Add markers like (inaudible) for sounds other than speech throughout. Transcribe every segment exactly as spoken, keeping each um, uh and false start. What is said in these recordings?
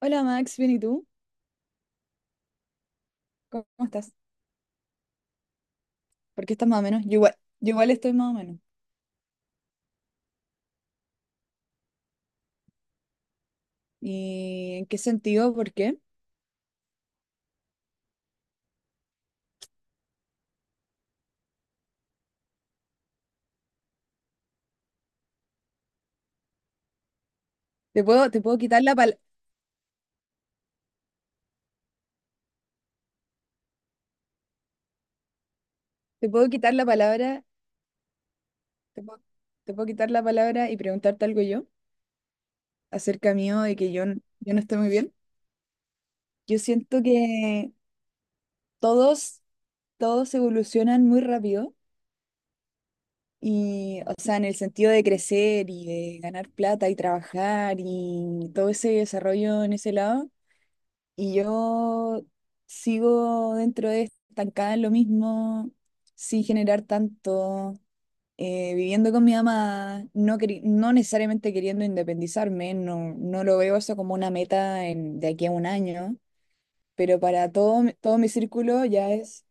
Hola Max, bien, ¿y tú? ¿Cómo estás? ¿Por qué estás más o menos? Yo igual, yo igual estoy más o menos. ¿Y en qué sentido? ¿Por qué? Te puedo, te puedo quitar la pal- te puedo quitar la palabra, te puedo, te puedo quitar la palabra y preguntarte algo yo acerca mío de que yo, n- yo no estoy muy bien. Yo siento que todos, todos evolucionan muy rápido y, o sea, en el sentido de crecer y de ganar plata y trabajar y todo ese desarrollo en ese lado. Y yo sigo dentro de estancada en lo mismo, sin generar tanto, eh, viviendo con mi mamá, no, queri- no necesariamente queriendo independizarme, no, no lo veo eso como una meta en- de aquí a un año, pero para todo, mi- todo mi círculo ya es...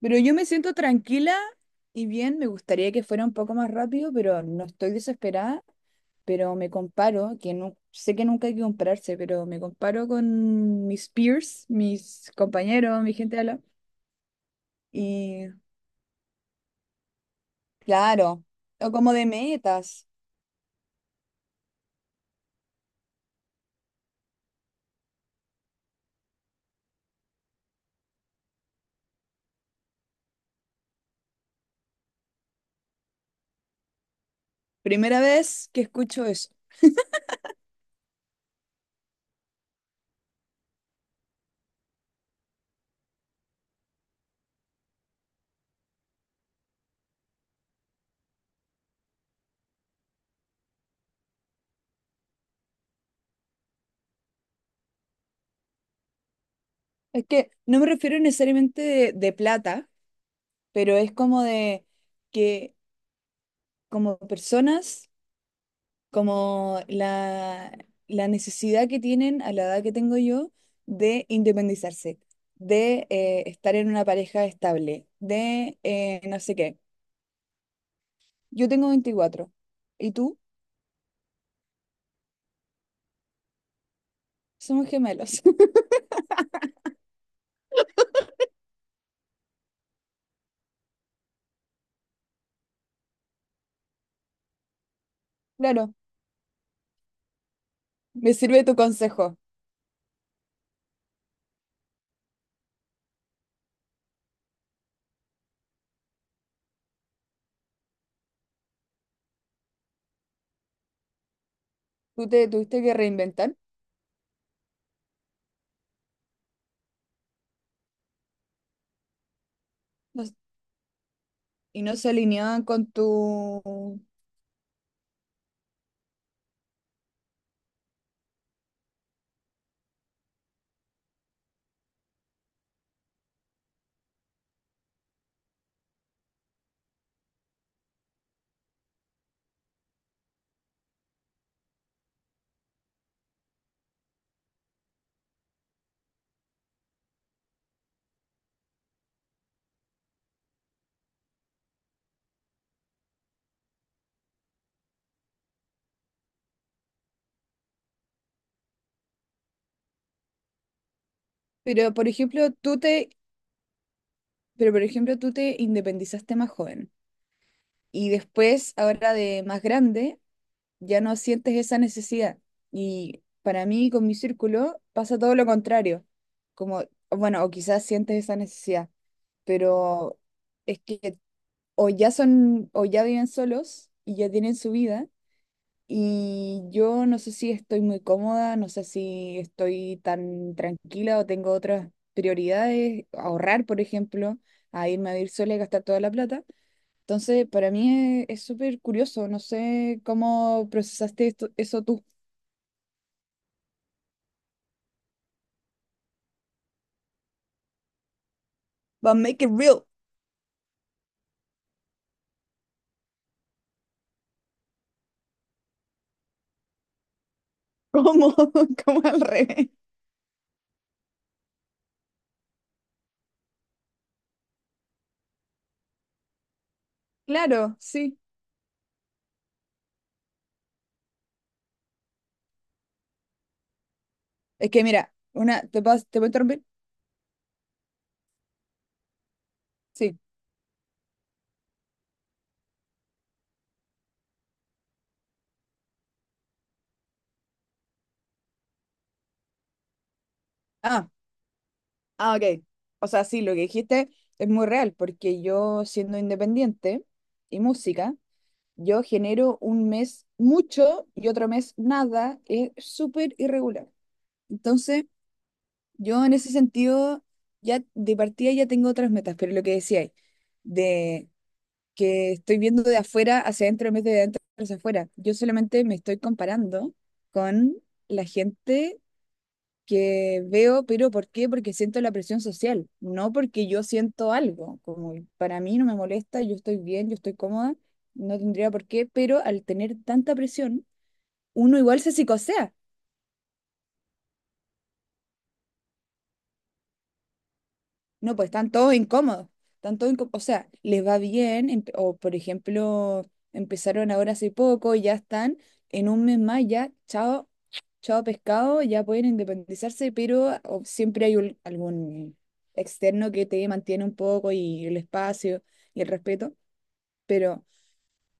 Pero yo me siento tranquila y bien, me gustaría que fuera un poco más rápido, pero no estoy desesperada. Pero me comparo, que no, sé que nunca hay que compararse, pero me comparo con mis peers, mis compañeros, mi gente de al lado, y claro, o como de metas. Primera vez que escucho eso. Es que no me refiero necesariamente de, de plata, pero es como de que como personas como la, la necesidad que tienen a la edad que tengo yo de independizarse, de eh, estar en una pareja estable, de eh, no sé qué. Yo tengo veinticuatro y tú somos gemelos. (laughs) Claro, me sirve tu consejo. Tú te tuviste que reinventar no s- y no se alineaban con tu... Pero, por ejemplo, tú te... Pero, por ejemplo, tú te independizaste más joven. Y después, ahora de más grande, ya no sientes esa necesidad. Y para mí, con mi círculo, pasa todo lo contrario. Como, bueno, o quizás sientes esa necesidad, pero es que o ya son, o ya viven solos y ya tienen su vida. Y yo no sé si estoy muy cómoda, no sé si estoy tan tranquila o tengo otras prioridades, ahorrar, por ejemplo, a irme a vivir sola y gastar toda la plata. Entonces, para mí es es súper curioso. No sé cómo procesaste esto, eso tú. But make it real. ¿Cómo? (laughs) ¿Cómo al revés? Claro, sí. Es que mira, una, ¿te puedo, te puedo interrumpir? Sí. Ah, ah, ok. O sea, sí, lo que dijiste es muy real, porque yo siendo independiente y música, yo genero un mes mucho y otro mes nada. Es súper irregular. Entonces... Yo en ese sentido, ya de partida ya tengo otras metas, pero lo que decía de que estoy viendo de afuera hacia adentro en vez de de adentro hacia afuera, yo solamente me estoy comparando con la gente que veo, pero ¿por qué? Porque siento la presión social, no porque yo siento algo, como para mí no me molesta, yo estoy bien, yo estoy cómoda, no tendría por qué, pero al tener tanta presión, uno igual se psicosea. No, pues están todos incómodos. Están todos incó- O sea, les va bien, em- o por ejemplo, empezaron ahora hace poco y ya están en un mes más, ya, chao, chao pescado, ya pueden independizarse, pero o siempre hay un- algún externo que te mantiene un poco y el espacio y el respeto. Pero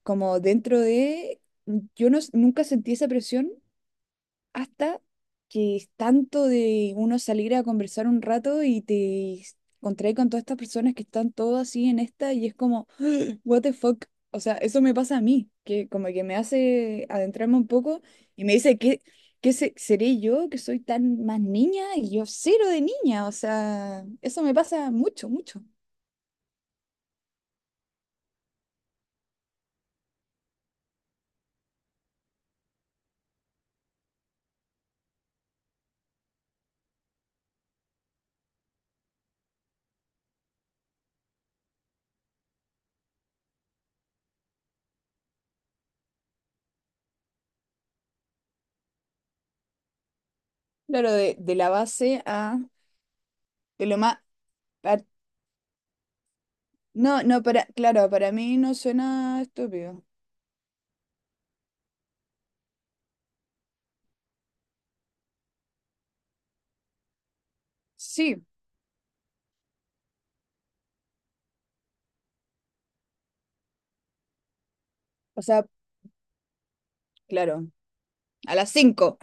como dentro de, yo no, s- nunca sentí esa presión hasta que es tanto de uno salir a conversar un rato y te encontré con todas estas personas que están todas así en esta y es como, (laughs) what the fuck. O sea, eso me pasa a mí, que como que me hace adentrarme un poco y me dice qué qué se- seré yo que soy tan más niña y yo cero de niña. O sea, eso me pasa mucho, mucho. Claro, de, de, la base a de lo más... pa- no, no, para, claro, para mí no suena estúpido. Sí, o sea, claro. A las cinco,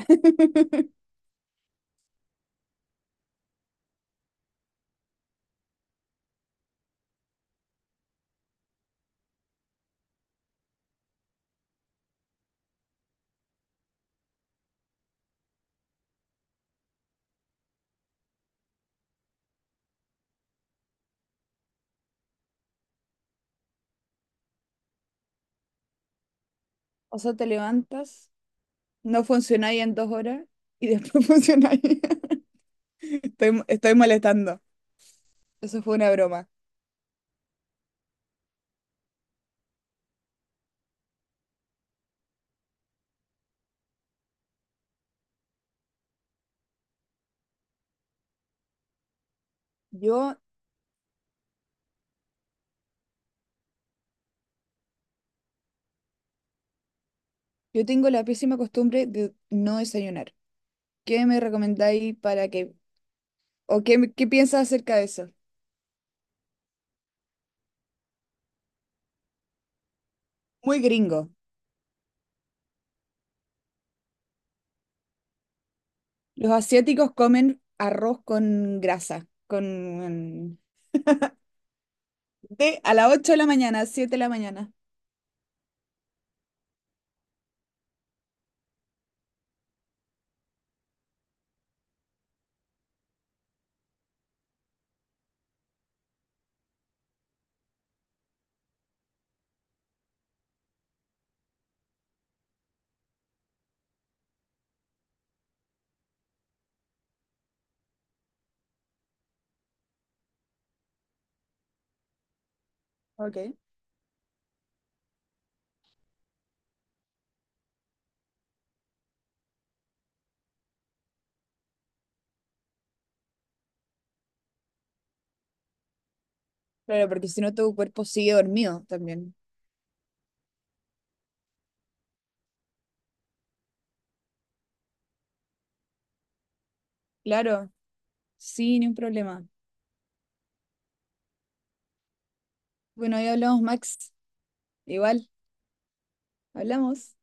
o sea, te levantas, no funcionáis en dos horas y después (laughs) funcionáis. Estoy, estoy molestando. Eso fue una broma. Yo, yo tengo la pésima costumbre de no desayunar. ¿Qué me recomendáis para que, o qué, me- qué piensas acerca de eso? Muy gringo. Los asiáticos comen arroz con grasa, con de a las ocho de la mañana, siete de la mañana. Ok. Claro, porque si no tu cuerpo sigue dormido también. Claro, sí, ni un problema. Bueno, ahí hablamos, Max. Igual, hablamos.